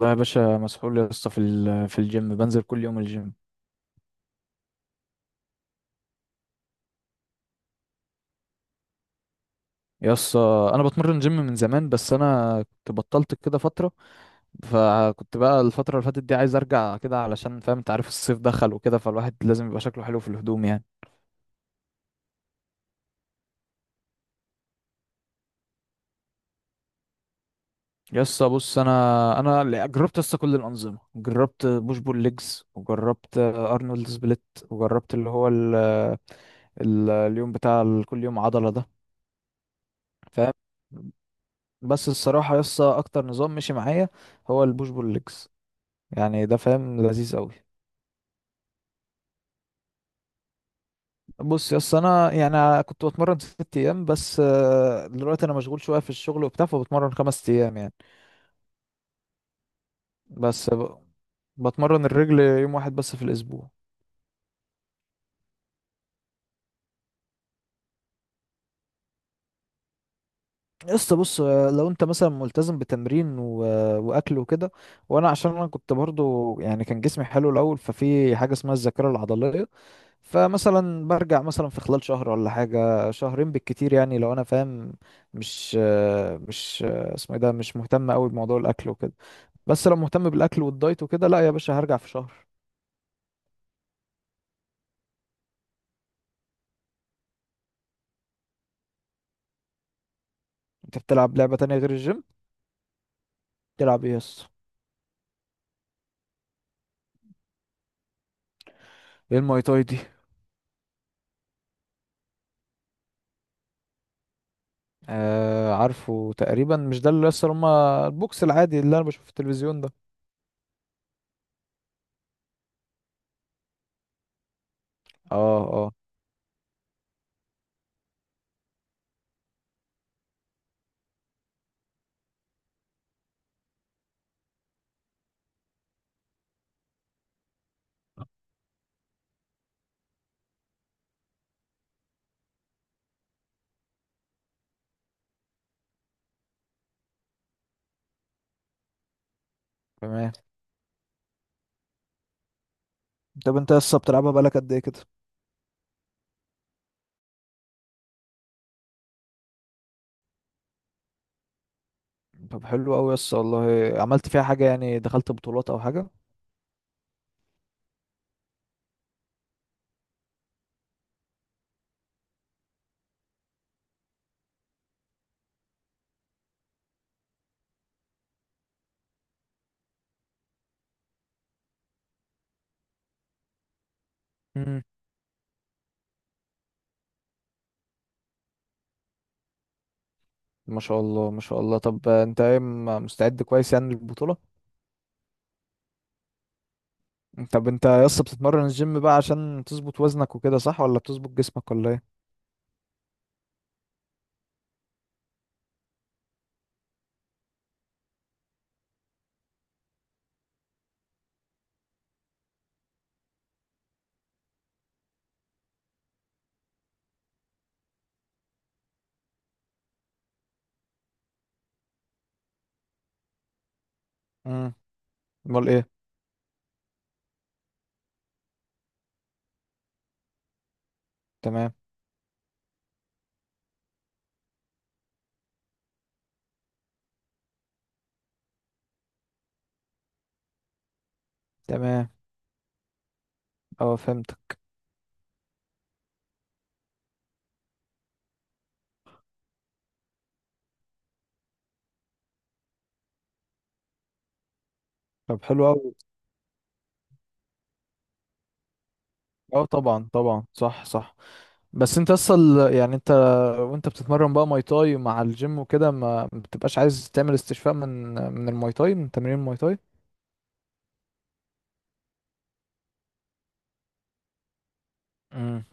والله يا باشا مسحول يا اسطى، في الجيم، بنزل كل يوم الجيم. يا اسطى، انا بتمرن جيم من زمان، بس انا كنت بطلت كده فتره. فكنت بقى الفتره اللي فاتت دي عايز ارجع كده، علشان فاهم، انت عارف الصيف دخل وكده، فالواحد لازم يبقى شكله حلو في الهدوم يعني. يا اسطى بص، انا جربت يا اسطى كل الانظمه، جربت بوش بول ليجز وجربت ارنولد سبليت. وجربت اللي هو اليوم بتاع كل يوم عضله ده، فاهم. بس الصراحة يسا، أكتر نظام مشي معايا هو البوش بول ليجز، يعني ده فاهم لذيذ أوي. بص يسا، أنا يعني كنت بتمرن 6 أيام، بس دلوقتي أنا مشغول شوية في الشغل وبتاع، فبتمرن 5 أيام يعني. بس بتمرن الرجل يوم واحد بس في الأسبوع. يسا بص، لو أنت مثلا ملتزم بتمرين وأكل وكده. وأنا عشان أنا كنت برضو، يعني كان جسمي حلو الأول، ففي حاجة اسمها الذاكرة العضلية. فمثلا برجع مثلا في خلال شهر ولا حاجة شهرين بالكتير، يعني لو انا فاهم. مش اسمه ايه ده، مش مهتم قوي بموضوع الاكل وكده. بس لو مهتم بالاكل والدايت وكده، لا يا باشا، هرجع في شهر. انت بتلعب لعبة تانية غير الجيم؟ بتلعب ايه يس؟ ايه الماي تاي دي؟ آه، عارفه تقريبا، مش ده اللي يس هما البوكس العادي اللي انا بشوفه في التلفزيون ده؟ اه، اه، تمام. طب انت يس بتلعبها بقالك قد ايه كده؟ طب حلو قوي يس، والله عملت فيها حاجة يعني؟ دخلت بطولات او حاجة؟ ما شاء الله ما شاء الله. طب انت ايه، مستعد كويس يعني للبطولة؟ طب انت يا اسطى بتتمرن الجيم بقى عشان تظبط وزنك وكده، صح؟ ولا بتظبط جسمك ولا ايه؟ امم. امال ايه؟ تمام، تمام. اه فهمتك. طب حلو قوي. اه طبعا طبعا، صح صح. بس انت اصلا يعني انت، وانت بتتمرن بقى ماي تاي مع الجيم وكده، ما بتبقاش عايز تعمل استشفاء من الماي تاي، من تمرين الماي تاي؟ امم.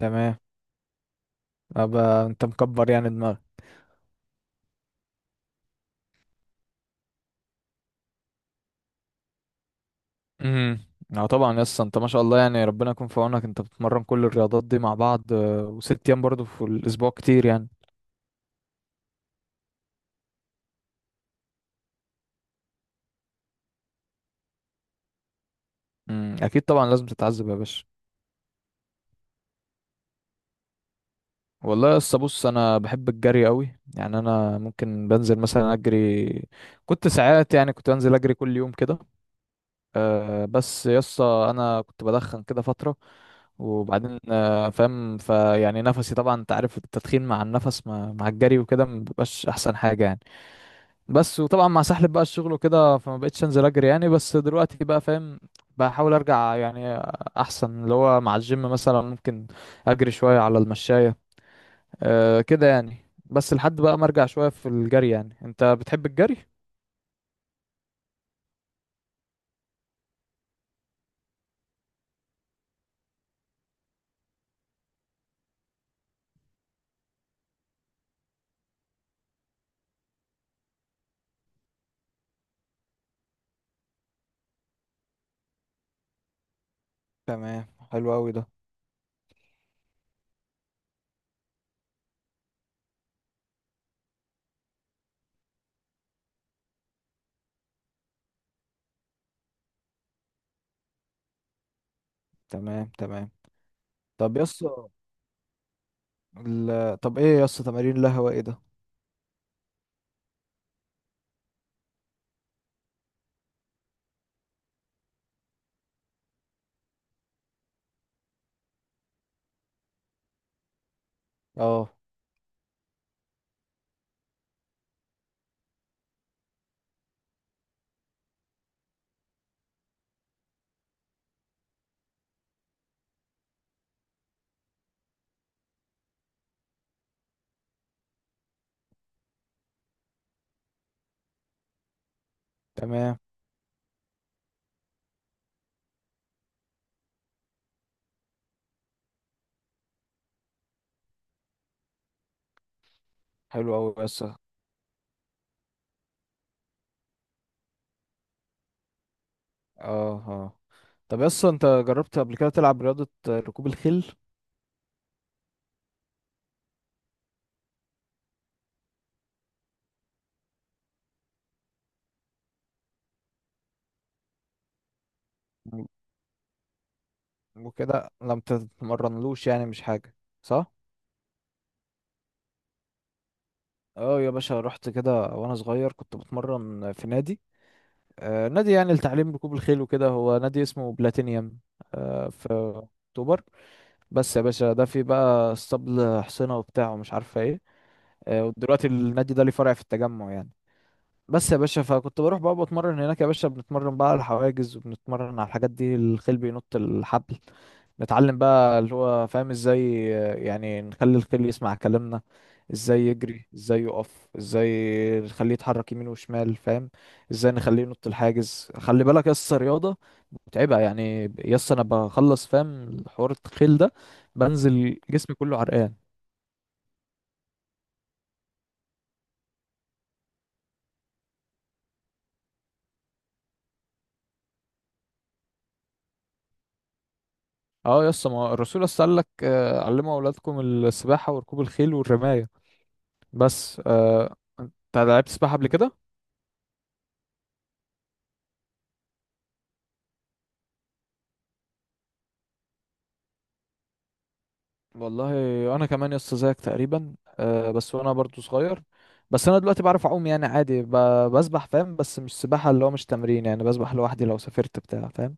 تمام، ابقى انت مكبر يعني دماغك. امم. اه طبعا يس، انت ما شاء الله يعني، ربنا يكون في عونك. انت بتتمرن كل الرياضات دي مع بعض، وست ايام برضه في الاسبوع، كتير يعني. امم، اكيد طبعا، لازم تتعذب يا باشا. والله يس، بص انا بحب الجري قوي يعني. انا ممكن بنزل مثلا اجري. كنت ساعات يعني، كنت بنزل اجري كل يوم كده. بس يس، انا كنت بدخن كده فترة. وبعدين فاهم، فيعني نفسي طبعا انت عارف، التدخين مع النفس مع الجري وكده مبيبقاش احسن حاجة يعني. بس وطبعا، مع سحلب بقى الشغل وكده، فما بقتش انزل اجري يعني. بس دلوقتي بقى فاهم، بحاول ارجع يعني. احسن اللي هو مع الجيم مثلا، ممكن اجري شوية على المشاية، أه كده يعني. بس لحد بقى ما ارجع شوية في الجري يعني. انت بتحب الجري؟ تمام. حلو قوي ده. تمام، تمام. طب يس طب ايه يس، تمارين القهوة ايه ده؟ اه، تمام. حلو قوي يس، اه. اه. طب يس، انت جربت قبل كده تلعب رياضة ركوب الخيل؟ وكده، لما تتمرنلوش يعني مش حاجة، صح؟ اه يا باشا، رحت كده وانا صغير، كنت بتمرن في نادي. آه نادي، يعني لتعليم ركوب الخيل وكده. هو نادي اسمه بلاتينيوم. آه، في اكتوبر. بس يا باشا ده فيه بقى اسطبل حصينة وبتاع، ومش عارفة ايه. آه، ودلوقتي النادي ده ليه فرع في التجمع يعني. بس يا باشا، فكنت بروح بقى بتمرن هناك يا باشا. بنتمرن بقى على الحواجز، وبنتمرن على الحاجات دي، الخيل بينط الحبل. نتعلم بقى اللي هو فاهم ازاي، يعني نخلي الخيل يسمع كلامنا. ازاي يجري، ازاي يقف، ازاي نخليه يتحرك يمين وشمال، فاهم. ازاي نخليه ينط الحاجز. خلي بالك يس، رياضة متعبة يعني يس. انا بخلص فاهم حوار الخيل ده، بنزل جسمي كله عرقان. اه يس، ما الرسول يس قال لك علموا اولادكم السباحة وركوب الخيل والرماية. بس انت لعبت سباحة قبل كده؟ والله انا كمان يا اسطى زيك تقريبا، أه. بس وانا برضو صغير. بس انا دلوقتي بعرف اعوم يعني، عادي بسبح فاهم. بس مش سباحه، اللي هو مش تمرين يعني، بسبح لوحدي لو سافرت بتاع، فاهم.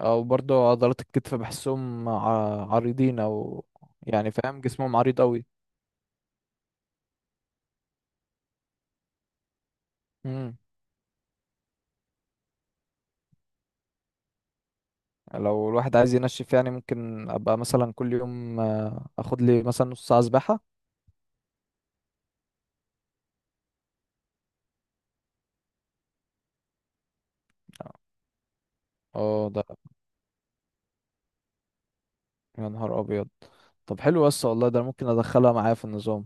او برضو عضلات الكتف بحسهم عريضين او. يعني فاهم، جسمهم عريض قوي. امم لو الواحد عايز ينشف يعني، ممكن ابقى مثلا كل يوم اخد لي مثلا نص ساعه سباحه. اه ده، يا نهار ابيض. طب حلو يا اسطى، والله ده أنا ممكن ادخلها معايا في النظام.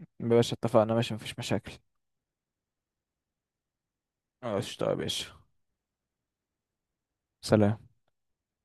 يا باشا اتفقنا، ماشي، مفيش مشاكل. قشطة يا باشا. سلام.